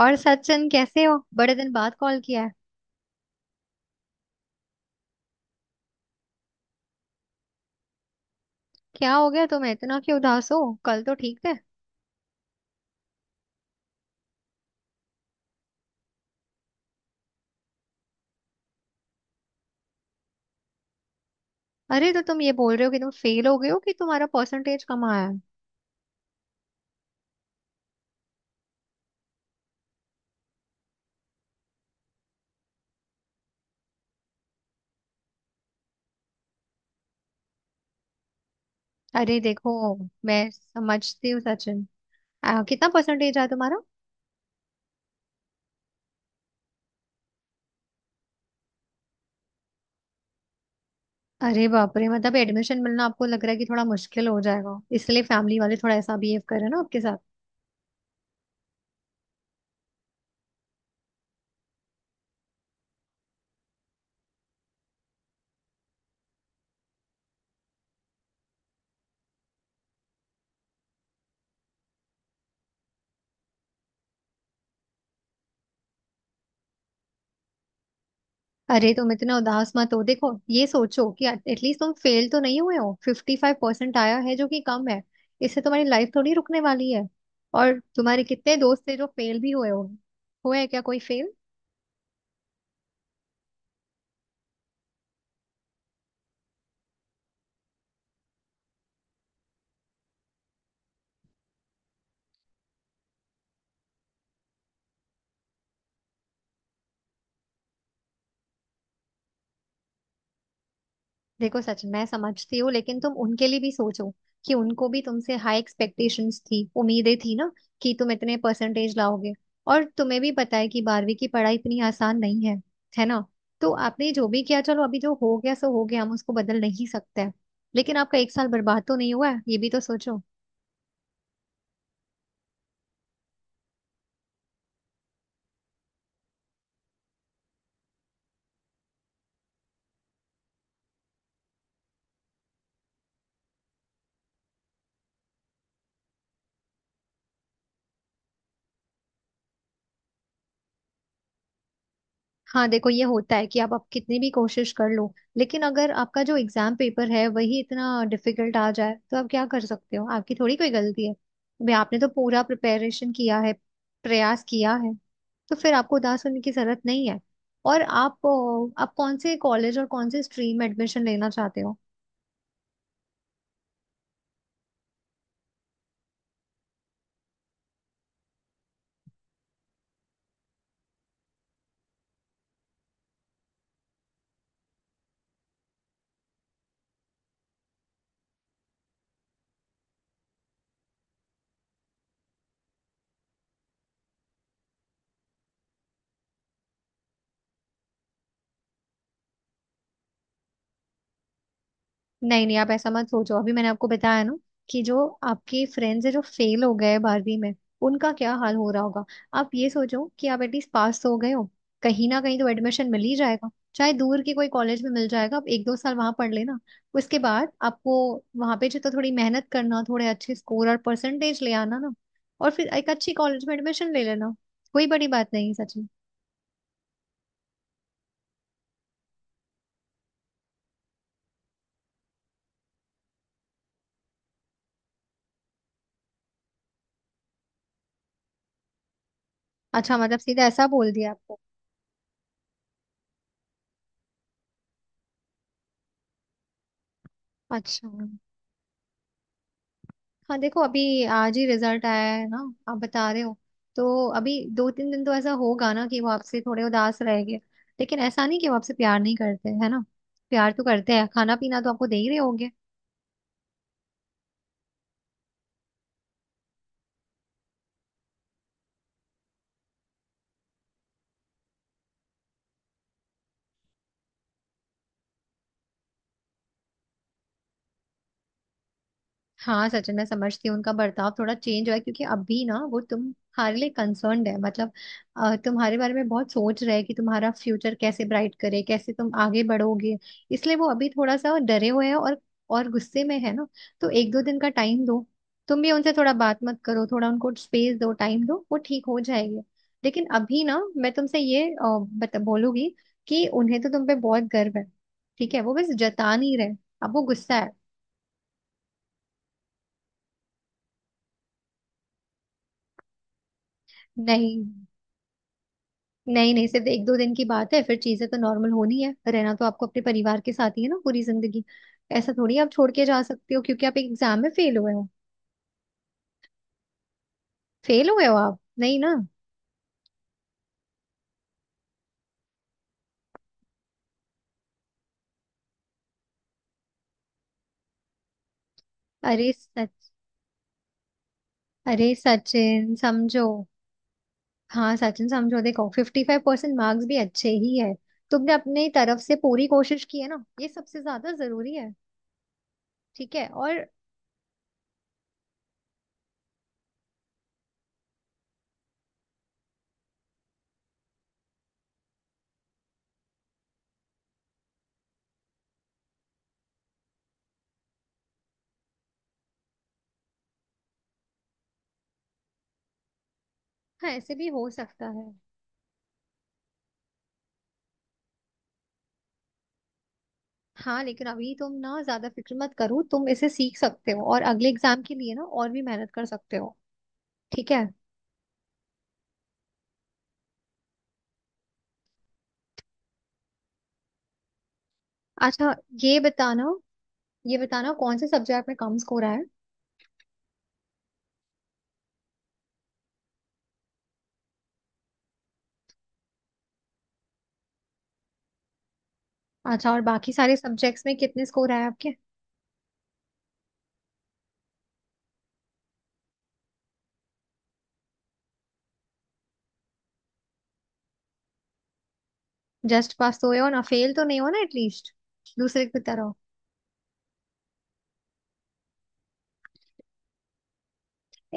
और सचिन कैसे हो, बड़े दिन बाद कॉल किया है। क्या हो गया तुम्हें, इतना क्यों उदास हो? कल तो ठीक थे। अरे तो तुम ये बोल रहे हो कि तुम फेल हो गए हो, कि तुम्हारा परसेंटेज कम आया है? अरे देखो, मैं समझती हूँ सचिन। कितना परसेंटेज आया तुम्हारा? अरे बाप रे, मतलब एडमिशन मिलना आपको लग रहा है कि थोड़ा मुश्किल हो जाएगा, इसलिए फैमिली वाले थोड़ा ऐसा बिहेव कर रहे हैं ना आपके साथ। अरे तुम इतना उदास मत हो, देखो ये सोचो कि एटलीस्ट तुम फेल तो नहीं हुए हो, 55% आया है जो कि कम है। इससे तुम्हारी लाइफ थोड़ी रुकने वाली है। और तुम्हारे कितने दोस्त थे जो फेल भी हुए हो, हुए हैं क्या कोई फेल? देखो सच, मैं समझती हूँ, लेकिन तुम उनके लिए भी सोचो कि उनको भी तुमसे हाई एक्सपेक्टेशंस थी, उम्मीदें थी ना, कि तुम इतने परसेंटेज लाओगे। और तुम्हें भी पता है कि बारहवीं की पढ़ाई इतनी आसान नहीं है, है ना। तो आपने जो भी किया, चलो अभी जो हो गया सो हो गया, हम उसको बदल नहीं सकते हैं। लेकिन आपका एक साल बर्बाद तो नहीं हुआ है, ये भी तो सोचो। हाँ देखो, ये होता है कि आप कितनी भी कोशिश कर लो, लेकिन अगर आपका जो एग्जाम पेपर है वही इतना डिफिकल्ट आ जाए तो आप क्या कर सकते हो, आपकी थोड़ी कोई गलती है भाई। आपने तो पूरा प्रिपरेशन किया है, प्रयास किया है। तो फिर आपको उदास होने की जरूरत नहीं है। और आप, आप कौन से कॉलेज और कौन से स्ट्रीम एडमिशन लेना चाहते हो? नहीं नहीं, आप ऐसा मत सोचो, अभी मैंने आपको बताया ना, कि जो आपके फ्रेंड्स है जो फेल हो गए बारहवीं में, उनका क्या हाल हो रहा होगा। आप ये सोचो कि आप एटलीस्ट पास तो हो गए हो, कहीं ना कहीं तो एडमिशन मिल ही जाएगा। चाहे दूर के कोई कॉलेज में मिल जाएगा, आप एक दो साल वहां पढ़ लेना, उसके बाद आपको वहां पे जो तो थोड़ी मेहनत करना, थोड़े अच्छे स्कोर और परसेंटेज ले आना ना, और फिर एक अच्छी कॉलेज में एडमिशन ले लेना। कोई बड़ी बात नहीं, सच में। अच्छा, मतलब सीधा ऐसा बोल दिया आपको? अच्छा। हाँ देखो, अभी आज ही रिजल्ट आया है ना, आप बता रहे हो। तो अभी दो तीन दिन तो ऐसा होगा ना कि वो आपसे थोड़े उदास रहेंगे, लेकिन ऐसा नहीं कि वो आपसे प्यार नहीं करते, है ना। प्यार तो करते हैं, खाना पीना तो आपको दे ही रहे होंगे। हाँ सचिन, मैं समझती हूँ, उनका बर्ताव थोड़ा चेंज हुआ है क्योंकि अभी ना वो तुम्हारे लिए कंसर्न्ड है, मतलब, तुम्हारे बारे में बहुत सोच रहे हैं कि तुम्हारा फ्यूचर कैसे ब्राइट करे, कैसे तुम आगे बढ़ोगे। इसलिए वो अभी थोड़ा सा डरे हुए हैं और गुस्से में है ना। तो एक दो दिन का टाइम दो, तुम भी उनसे थोड़ा बात मत करो, थोड़ा उनको स्पेस दो, टाइम दो, वो ठीक हो जाएंगे। लेकिन अभी ना मैं तुमसे ये अ, बता बोलूंगी कि उन्हें तो तुम पे बहुत गर्व है। ठीक है, वो बस जता नहीं रहे, अब वो गुस्सा है। नहीं। नहीं नहीं, सिर्फ एक दो दिन की बात है, फिर चीजें तो नॉर्मल होनी है। रहना तो आपको अपने परिवार के साथ ही है ना पूरी जिंदगी। ऐसा थोड़ी आप छोड़ के जा सकते हो क्योंकि आप एक एग्जाम में फेल हुए हो। फेल हुए हो आप नहीं ना। अरे सच। अरे सचिन समझो। हाँ सचिन समझो, देखो 55% मार्क्स भी अच्छे ही है। तुमने अपनी तरफ से पूरी कोशिश की है ना, ये सबसे ज्यादा जरूरी है। ठीक है, और। हाँ, ऐसे भी हो सकता है। हाँ लेकिन अभी तुम ना ज्यादा फिक्र मत करो, तुम इसे सीख सकते हो और अगले एग्जाम के लिए ना और भी मेहनत कर सकते हो। ठीक है। अच्छा, ये बताना, ये बताना कौन से सब्जेक्ट में कम स्कोर आया। अच्छा, और बाकी सारे सब्जेक्ट्स में कितने स्कोर आए आपके? जस्ट पास तो हुए हो ना, फेल तो नहीं हो ना एटलीस्ट, दूसरे की तरह।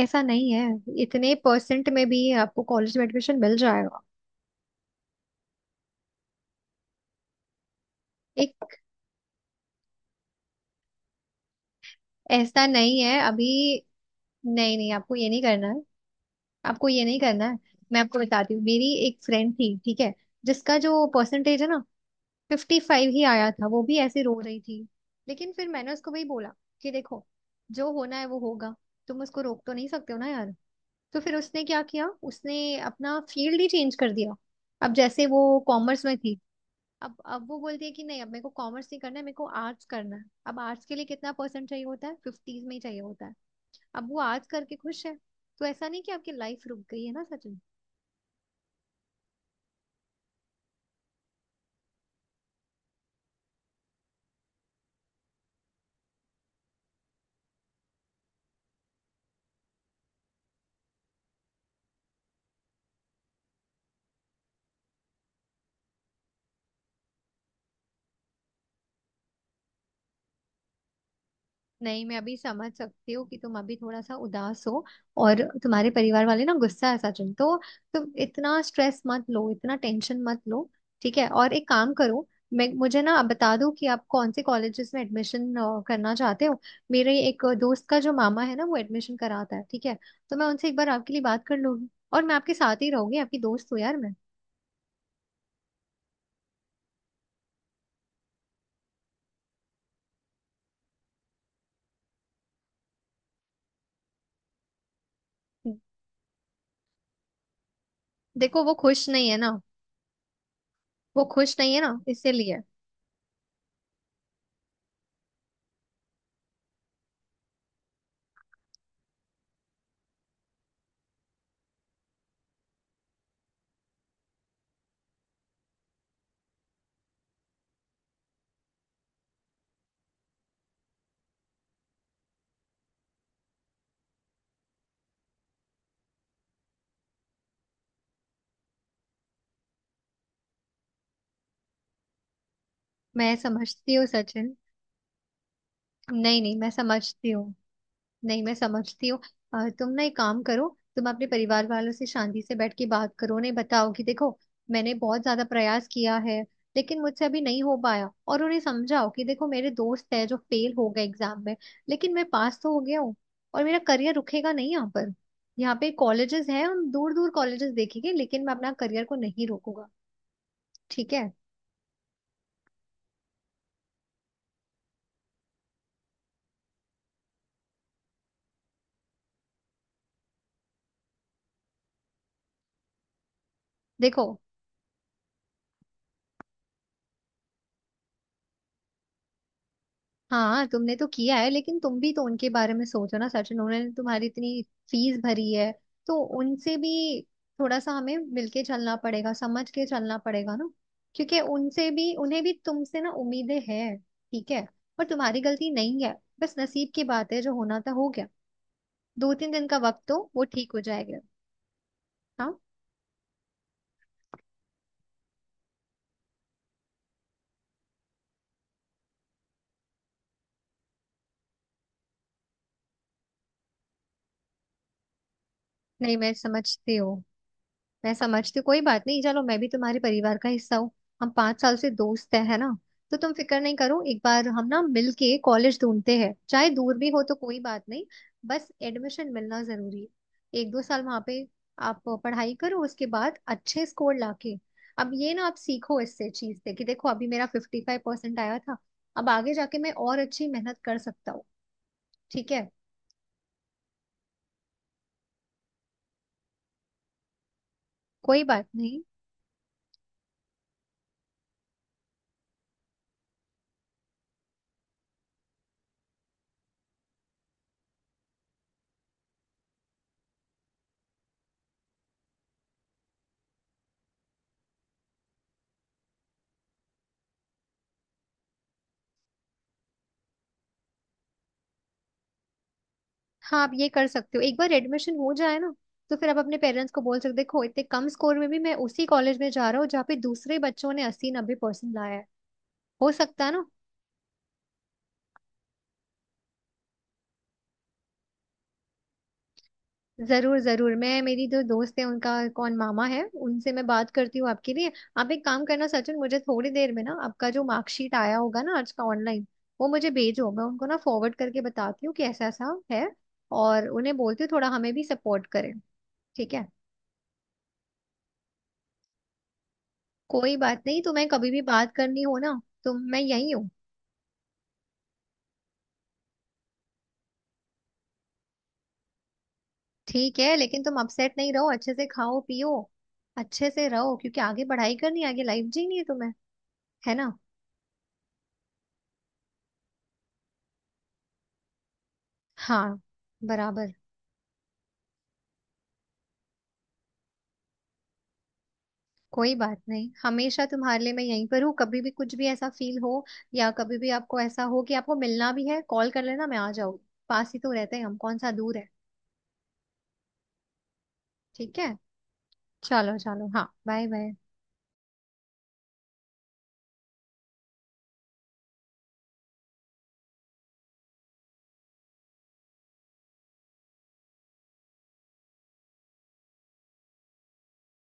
ऐसा नहीं है, इतने परसेंट में भी आपको कॉलेज में एडमिशन मिल जाएगा। एक। ऐसा नहीं है अभी। नहीं नहीं, आपको ये नहीं करना है। आपको ये नहीं करना है। मैं आपको बताती हूँ, मेरी एक फ्रेंड थी, ठीक है, जिसका जो परसेंटेज है ना, 55 ही आया था। वो भी ऐसे रो रही थी, लेकिन फिर मैंने उसको वही बोला कि देखो, जो होना है वो होगा, तुम उसको रोक तो नहीं सकते हो ना यार। तो फिर उसने क्या किया, उसने अपना फील्ड ही चेंज कर दिया। अब जैसे वो कॉमर्स में थी, अब वो बोलती है कि नहीं, अब मेरे को कॉमर्स नहीं करना है, मेरे को आर्ट्स करना है। अब आर्ट्स के लिए कितना परसेंट चाहिए होता है, फिफ्टीज में ही चाहिए होता है। अब वो आर्ट्स करके खुश है। तो ऐसा नहीं कि आपकी लाइफ रुक गई है ना सचिन। नहीं मैं अभी समझ सकती हूँ कि तुम अभी थोड़ा सा उदास हो, और तुम्हारे परिवार वाले ना गुस्सा है सचिन। तो तुम इतना स्ट्रेस मत लो, इतना टेंशन मत लो। ठीक है, और एक काम करो, मैं, मुझे ना बता दो कि आप कौन से कॉलेजेस में एडमिशन करना चाहते हो। मेरे एक दोस्त का जो मामा है ना, वो एडमिशन कराता है, ठीक है। तो मैं उनसे एक बार आपके लिए बात कर लूंगी, और मैं आपके साथ ही रहूंगी, आपकी दोस्त हूँ यार मैं। देखो वो खुश नहीं है ना, वो खुश नहीं है ना इसीलिए। मैं समझती हूँ सचिन। नहीं नहीं मैं समझती हूँ। नहीं मैं समझती हूँ। तुम ना एक काम करो, तुम अपने परिवार वालों से शांति से बैठ के बात करो, उन्हें बताओ कि देखो, मैंने बहुत ज्यादा प्रयास किया है लेकिन मुझसे अभी नहीं हो पाया। और उन्हें समझाओ कि देखो, मेरे दोस्त है जो फेल हो गए एग्जाम में, लेकिन मैं पास तो हो गया हूँ। और मेरा करियर रुकेगा नहीं यहाँ पर, यहाँ पे कॉलेजेस हैं, हम दूर दूर कॉलेजेस देखेंगे, लेकिन मैं अपना करियर को नहीं रोकूंगा। ठीक है। देखो। हाँ तुमने तो किया है, लेकिन तुम भी तो उनके बारे में सोचो ना सचिन, उन्होंने तुम्हारी इतनी फीस भरी है, तो उनसे भी थोड़ा सा हमें मिलके चलना पड़ेगा, समझ के चलना पड़ेगा ना। क्योंकि उनसे भी, उन्हें भी तुमसे ना उम्मीदें हैं, ठीक है। और तुम्हारी गलती नहीं है, बस नसीब की बात है, जो होना था हो गया। दो तीन दिन का वक्त तो वो ठीक हो जाएगा। हाँ। नहीं मैं समझती हूँ, मैं समझती हूँ, कोई बात नहीं। चलो मैं भी तुम्हारे परिवार का हिस्सा हूँ, हम 5 साल से दोस्त हैं है ना। तो तुम फिक्र नहीं करो, एक बार हम ना मिलके कॉलेज ढूंढते हैं, चाहे दूर भी हो तो कोई बात नहीं, बस एडमिशन मिलना जरूरी है। एक दो साल वहाँ पे आप पढ़ाई करो, उसके बाद अच्छे स्कोर लाके, अब ये ना आप सीखो इससे, चीज से कि देखो अभी मेरा 55% आया था, अब आगे जाके मैं और अच्छी मेहनत कर सकता हूँ। ठीक है। कोई बात नहीं। हाँ आप ये कर सकते हो, एक बार एडमिशन हो जाए ना, तो फिर आप अपने पेरेंट्स को बोल सकते हो, देखो इतने कम स्कोर में भी मैं उसी कॉलेज में जा रहा हूँ जहाँ पे दूसरे बच्चों ने 80-90% लाया है। हो सकता है ना। जरूर जरूर, मैं, मेरी जो दोस्त है उनका कौन मामा है, उनसे मैं बात करती हूँ आपके लिए। आप एक काम करना सचिन, मुझे थोड़ी देर में ना आपका जो मार्कशीट आया होगा ना आज का, ऑनलाइन वो मुझे भेजो। मैं उनको ना फॉरवर्ड करके बताती हूँ कि ऐसा ऐसा है, और उन्हें बोलती हूँ थोड़ा हमें भी सपोर्ट करें। ठीक है। कोई बात नहीं, तुम्हें कभी भी बात करनी हो ना तो मैं यही हूँ। ठीक है, लेकिन तुम अपसेट नहीं रहो, अच्छे से खाओ पियो, अच्छे से रहो, क्योंकि आगे पढ़ाई करनी है, आगे लाइफ जीनी है तुम्हें, है ना। हाँ, बराबर। कोई बात नहीं, हमेशा तुम्हारे लिए मैं यहीं पर हूँ, कभी भी कुछ भी ऐसा फील हो, या कभी भी आपको ऐसा हो कि आपको मिलना भी है, कॉल कर लेना मैं आ जाऊँ, पास ही तो रहते हैं हम, कौन सा दूर है। ठीक है। चलो चलो, हाँ बाय बाय।